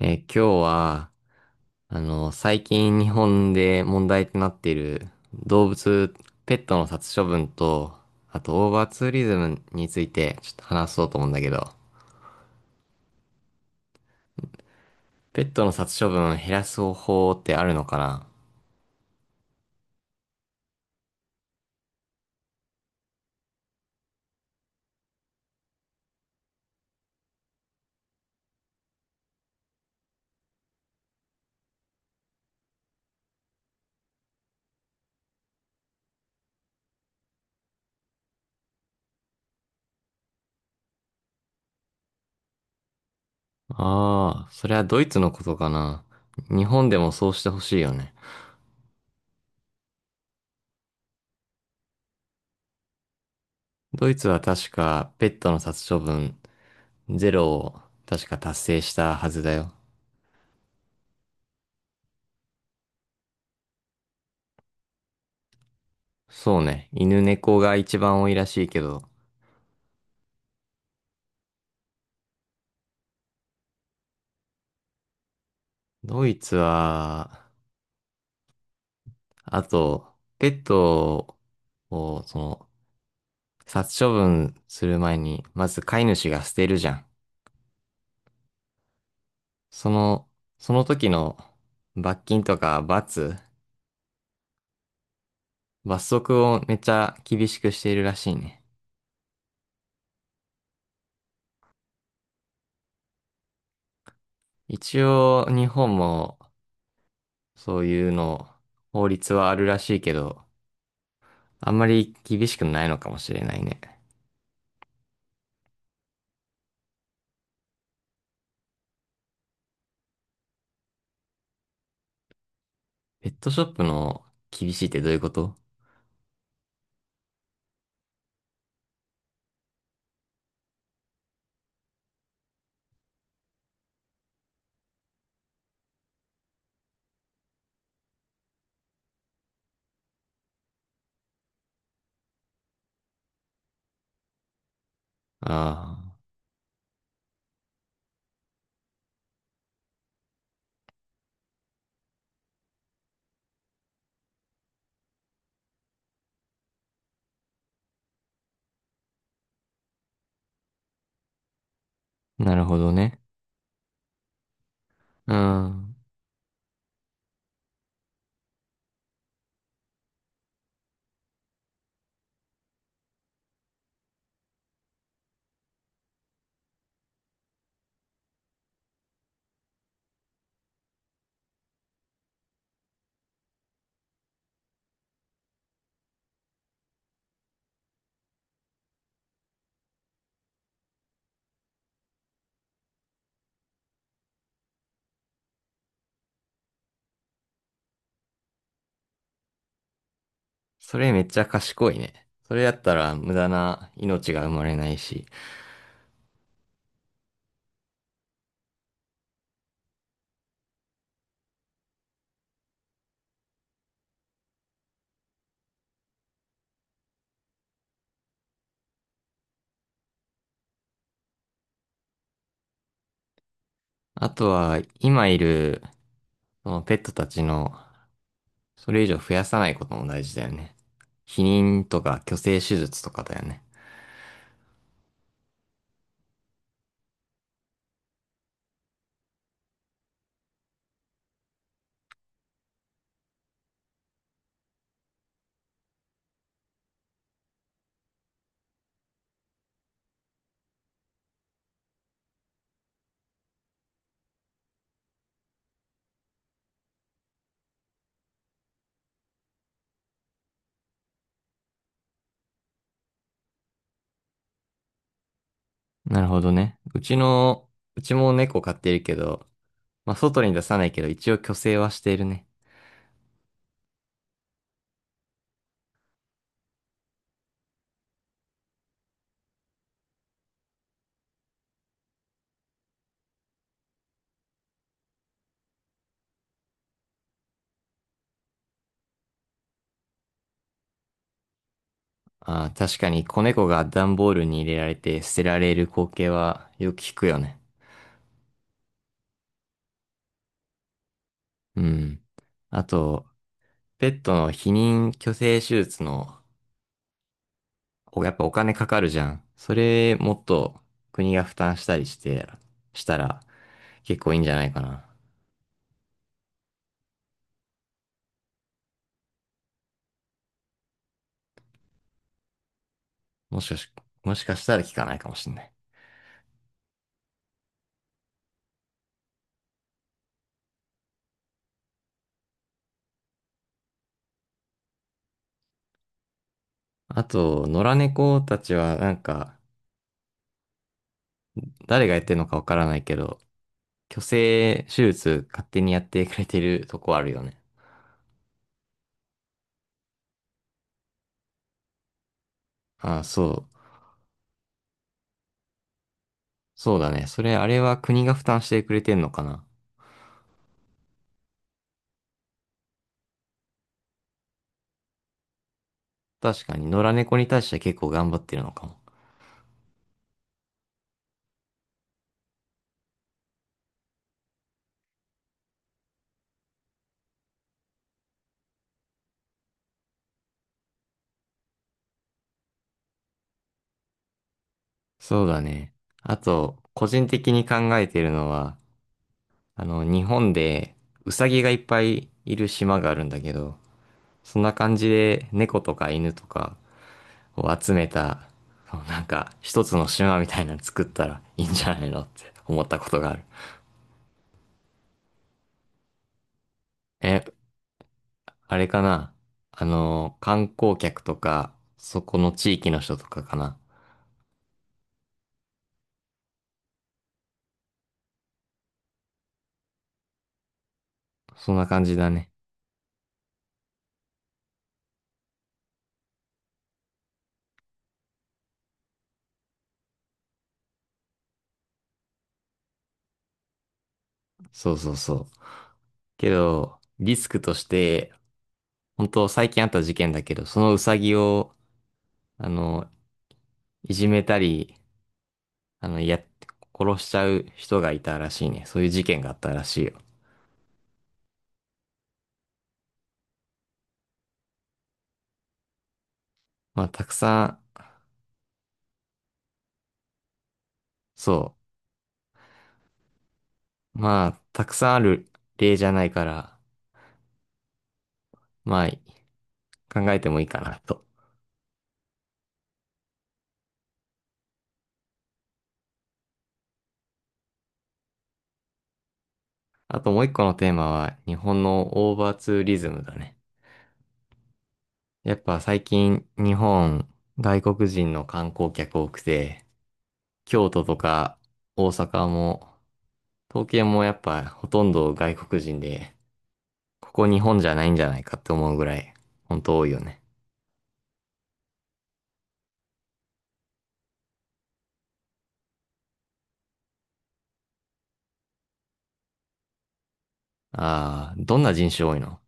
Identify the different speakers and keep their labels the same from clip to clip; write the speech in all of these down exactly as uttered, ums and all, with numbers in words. Speaker 1: えー、今日は、あの、最近日本で問題となっている動物、ペットの殺処分と、あとオーバーツーリズムについてちょっと話そうと思うんだけど、ペットの殺処分を減らす方法ってあるのかな？ああー、それはドイツのことかな。日本でもそうしてほしいよね。ドイツは確かペットの殺処分ゼロを確か達成したはずだよ。そうね。犬猫が一番多いらしいけど、ドイツは、あと、ペットを、その、殺処分する前に、まず飼い主が捨てるじゃん。その、その時の罰金とか罰、罰則をめっちゃ厳しくしているらしいね。一応、日本もそういうの、法律はあるらしいけど、あんまり厳しくないのかもしれないね。ペットショップの厳しいってどういうこと？ああー、なるほどね。うん。それめっちゃ賢いね。それやったら無駄な命が生まれないし。あとは、今いる、そのペットたちの、それ以上増やさないことも大事だよね。避妊とか去勢手術とかだよね。なるほどね。うちの、うちも猫飼ってるけど、まあ、外に出さないけど、一応去勢はしているね。ああ、確かに子猫が段ボールに入れられて捨てられる光景はよく聞くよね。うん。あと、ペットの避妊去勢手術のおやっぱお金かかるじゃん。それもっと国が負担したりして、したら結構いいんじゃないかな。もしかし、もしかしたら効かないかもしんない。あと、野良猫たちはなんか、誰がやってるのかわからないけど、去勢手術勝手にやってくれてるとこあるよね。ああ、そう。そうだね。それ、あれは国が負担してくれてんのかな。確かに、野良猫に対しては結構頑張ってるのかも。そうだね。あと、個人的に考えてるのは、あの、日本でウサギがいっぱいいる島があるんだけど、そんな感じで猫とか犬とかを集めた、そうなんか一つの島みたいなの作ったらいいんじゃないのって思ったことがある。え、あれかなあの、観光客とか、そこの地域の人とかかな？そんな感じだね。そうそうそう。けど、リスクとして、本当最近あった事件だけど、そのウサギを、あの、いじめたり、あの、や殺しちゃう人がいたらしいね。そういう事件があったらしいよ。まあ、たくさん、そう。まあ、たくさんある例じゃないから、まあ、考えてもいいかなと。あともう一個のテーマは、日本のオーバーツーリズムだね。やっぱ最近、日本、外国人の観光客多くて、京都とか大阪も、東京もやっぱほとんど外国人で、ここ日本じゃないんじゃないかって思うぐらい、本当多いよね。ああ、どんな人種多いの？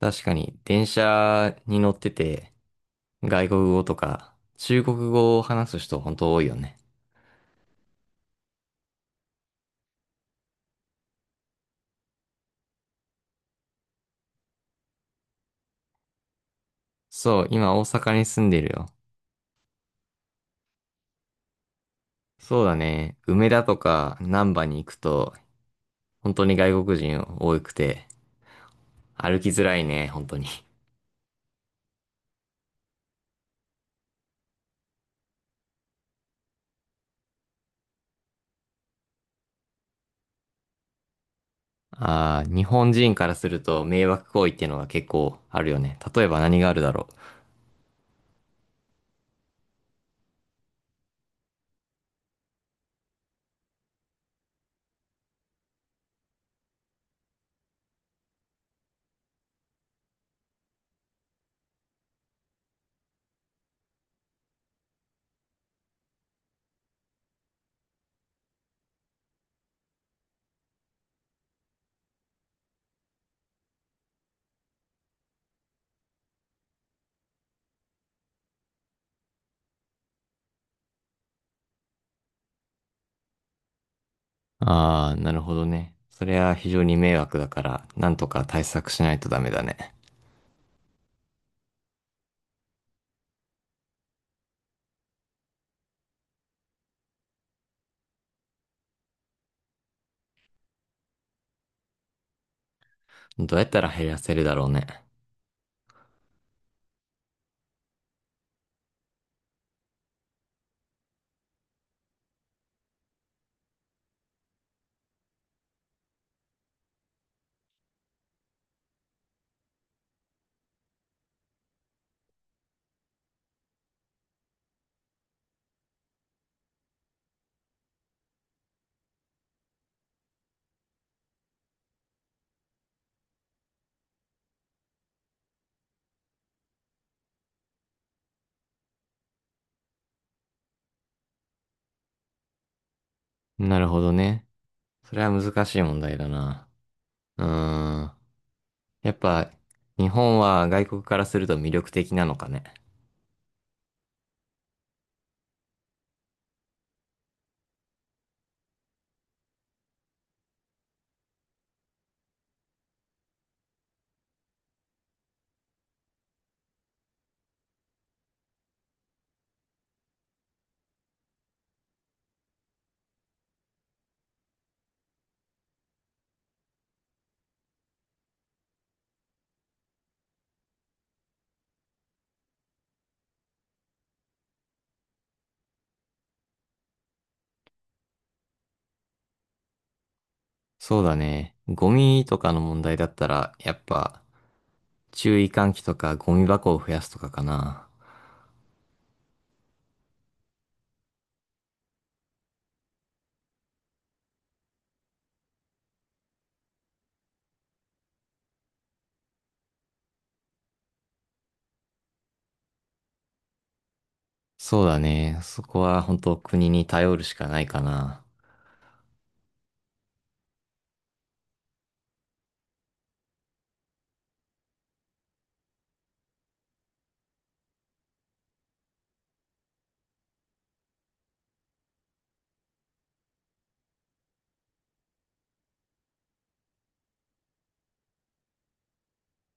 Speaker 1: 確かに、電車に乗ってて、外国語とか、中国語を話す人本当多いよね。そう、今大阪に住んでるよ。そうだね。梅田とか難波に行くと、本当に外国人多くて、歩きづらいね、本当に。ああ、日本人からすると迷惑行為っていうのが結構あるよね。例えば何があるだろう。ああ、なるほどね。それは非常に迷惑だから、なんとか対策しないとダメだね。どうやったら減らせるだろうね。なるほどね。それは難しい問題だな。うーん。やっぱ、日本は外国からすると魅力的なのかね。そうだね。ゴミとかの問題だったら、やっぱ、注意喚起とかゴミ箱を増やすとかかな。そうだね。そこは本当国に頼るしかないかな。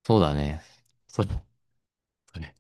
Speaker 1: そうだね。それ、それ